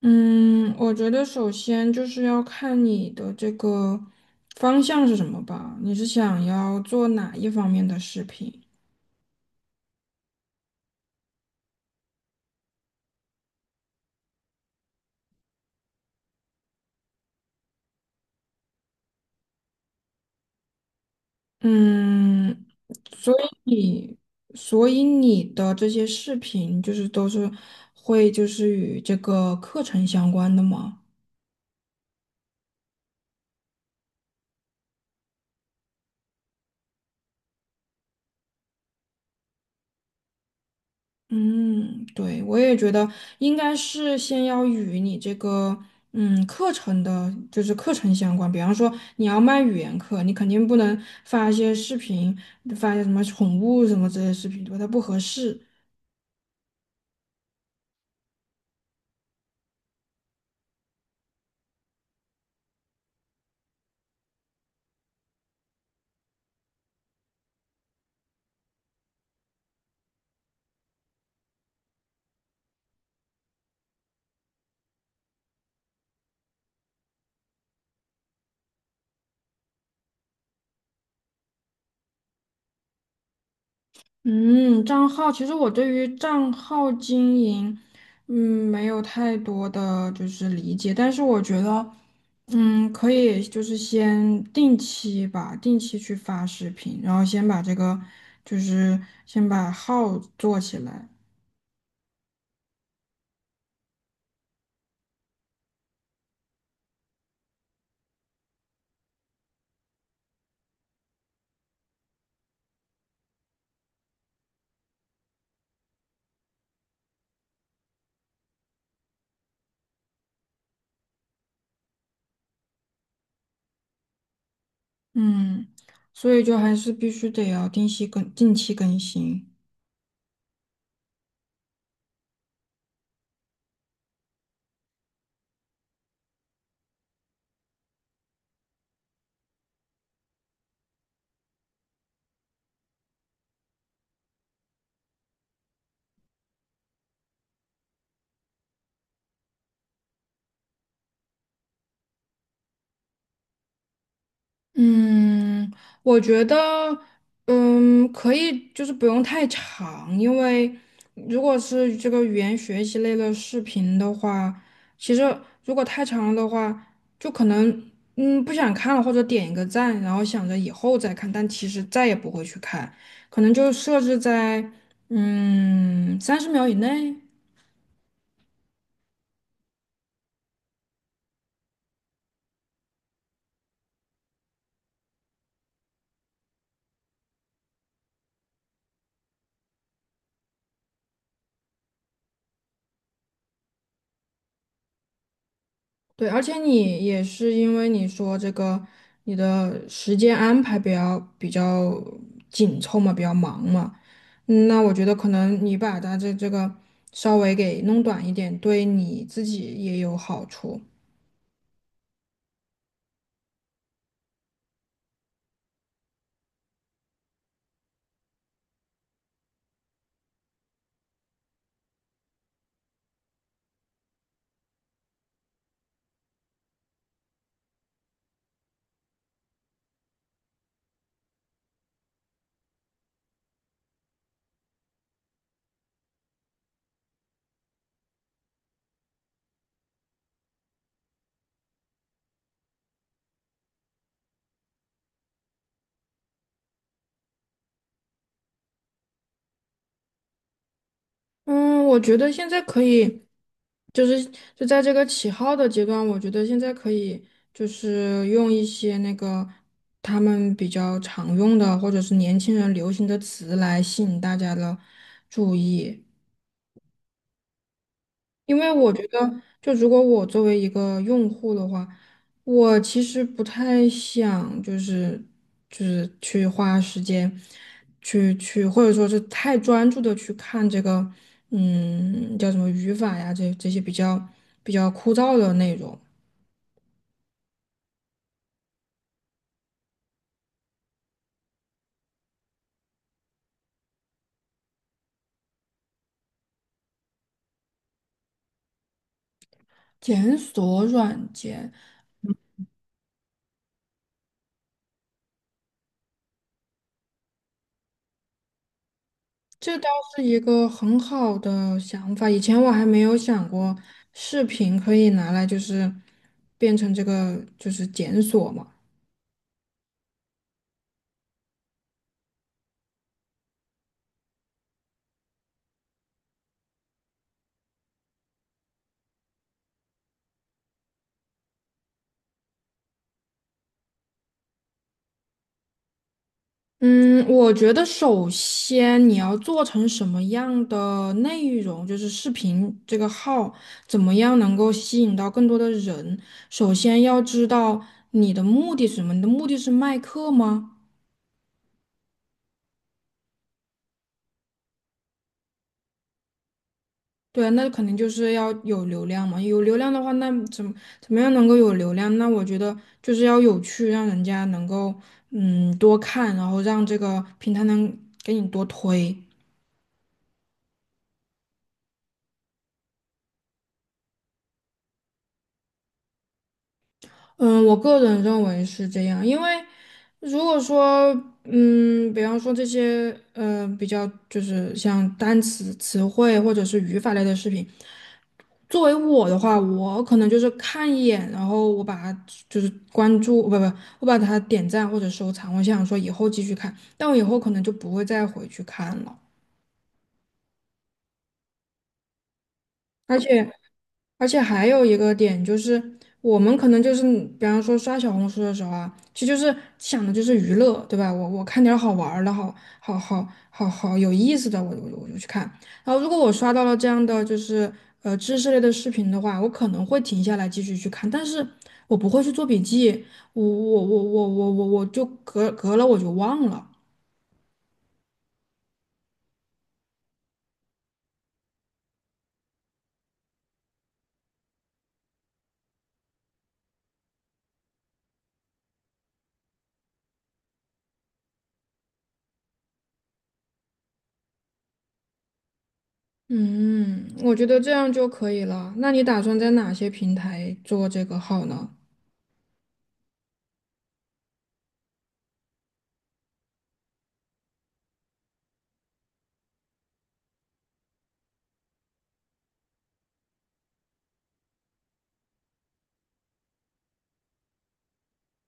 嗯，我觉得首先就是要看你的这个方向是什么吧，你是想要做哪一方面的视频？嗯，所以你，所以你的这些视频就是都是会就是与这个课程相关的吗？嗯，对，我也觉得应该是先要与你这个课程的，就是课程相关。比方说你要卖语言课，你肯定不能发一些视频，发一些什么宠物什么这些视频，对吧？它不合适。嗯，账号其实我对于账号经营，嗯，没有太多的就是理解，但是我觉得，可以就是先定期吧，定期去发视频，然后先把这个就是先把号做起来。嗯，所以就还是必须得要定期更新。嗯，我觉得，可以，就是不用太长，因为如果是这个语言学习类的视频的话，其实如果太长了的话，就可能不想看了，或者点一个赞，然后想着以后再看，但其实再也不会去看，可能就设置在30秒以内。对，而且你也是因为你说这个，你的时间安排比较紧凑嘛，比较忙嘛。那我觉得可能你把它这个稍微给弄短一点，对你自己也有好处。嗯，我觉得现在可以，就是就在这个起号的阶段，我觉得现在可以就是用一些那个他们比较常用的，或者是年轻人流行的词来吸引大家的注意。因为我觉得，就如果我作为一个用户的话，我其实不太想，就是去花时间去，或者说是太专注的去看这个。叫什么语法呀，这些比较枯燥的内容。检索软件，这倒是一个很好的想法。以前我还没有想过，视频可以拿来就是变成这个就是检索嘛。嗯，我觉得首先你要做成什么样的内容，就是视频这个号怎么样能够吸引到更多的人。首先要知道你的目的是什么，你的目的是卖课吗？对啊，那肯定就是要有流量嘛。有流量的话，那怎么样能够有流量？那我觉得就是要有趣，让人家能够多看，然后让这个平台能给你多推。嗯，我个人认为是这样。因为如果说，比方说这些，比较就是像单词、词汇或者是语法类的视频，作为我的话，我可能就是看一眼，然后我把它就是关注，不不，我把它点赞或者收藏，我想说以后继续看，但我以后可能就不会再回去看了。而且。而且还有一个点就是，我们可能就是，比方说刷小红书的时候啊，其实就是想的就是娱乐，对吧？我看点儿好玩儿的，好好好好好有意思的，我就去看。然后如果我刷到了这样的就是知识类的视频的话，我可能会停下来继续去看，但是我不会去做笔记，我就隔了我就忘了。嗯，我觉得这样就可以了。那你打算在哪些平台做这个号呢？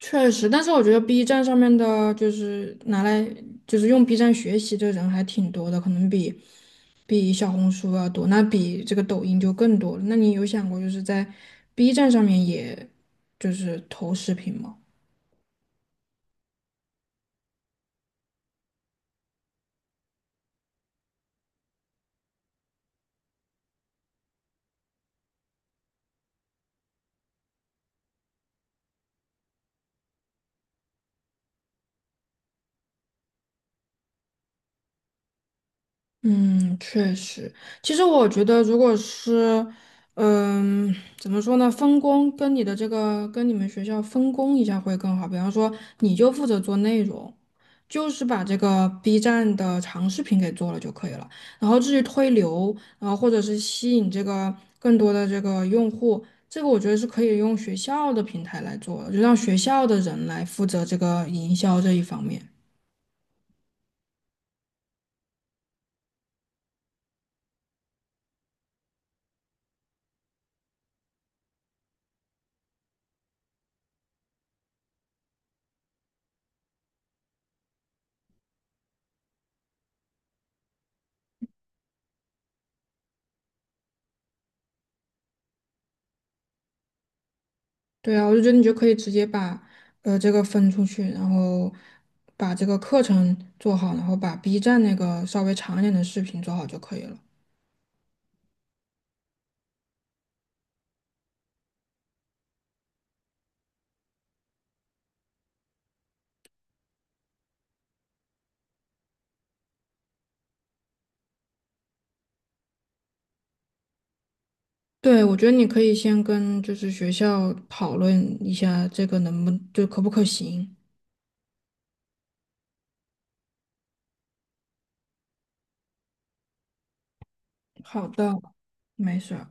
确实，但是我觉得 B 站上面的，就是拿来就是用 B 站学习的人还挺多的，可能比小红书要多，那比这个抖音就更多了。那你有想过就是在 B 站上面也就是投视频吗？嗯，确实，其实我觉得，如果是，怎么说呢，分工跟你的这个跟你们学校分工一下会更好。比方说，你就负责做内容，就是把这个 B 站的长视频给做了就可以了。然后至于推流，然后或者是吸引这个更多的这个用户，这个我觉得是可以用学校的平台来做的，就让学校的人来负责这个营销这一方面。对啊，我就觉得你就可以直接把这个分出去，然后把这个课程做好，然后把 B 站那个稍微长一点的视频做好就可以了。对，我觉得你可以先跟就是学校讨论一下这个能不就可不可行。好的，没事儿。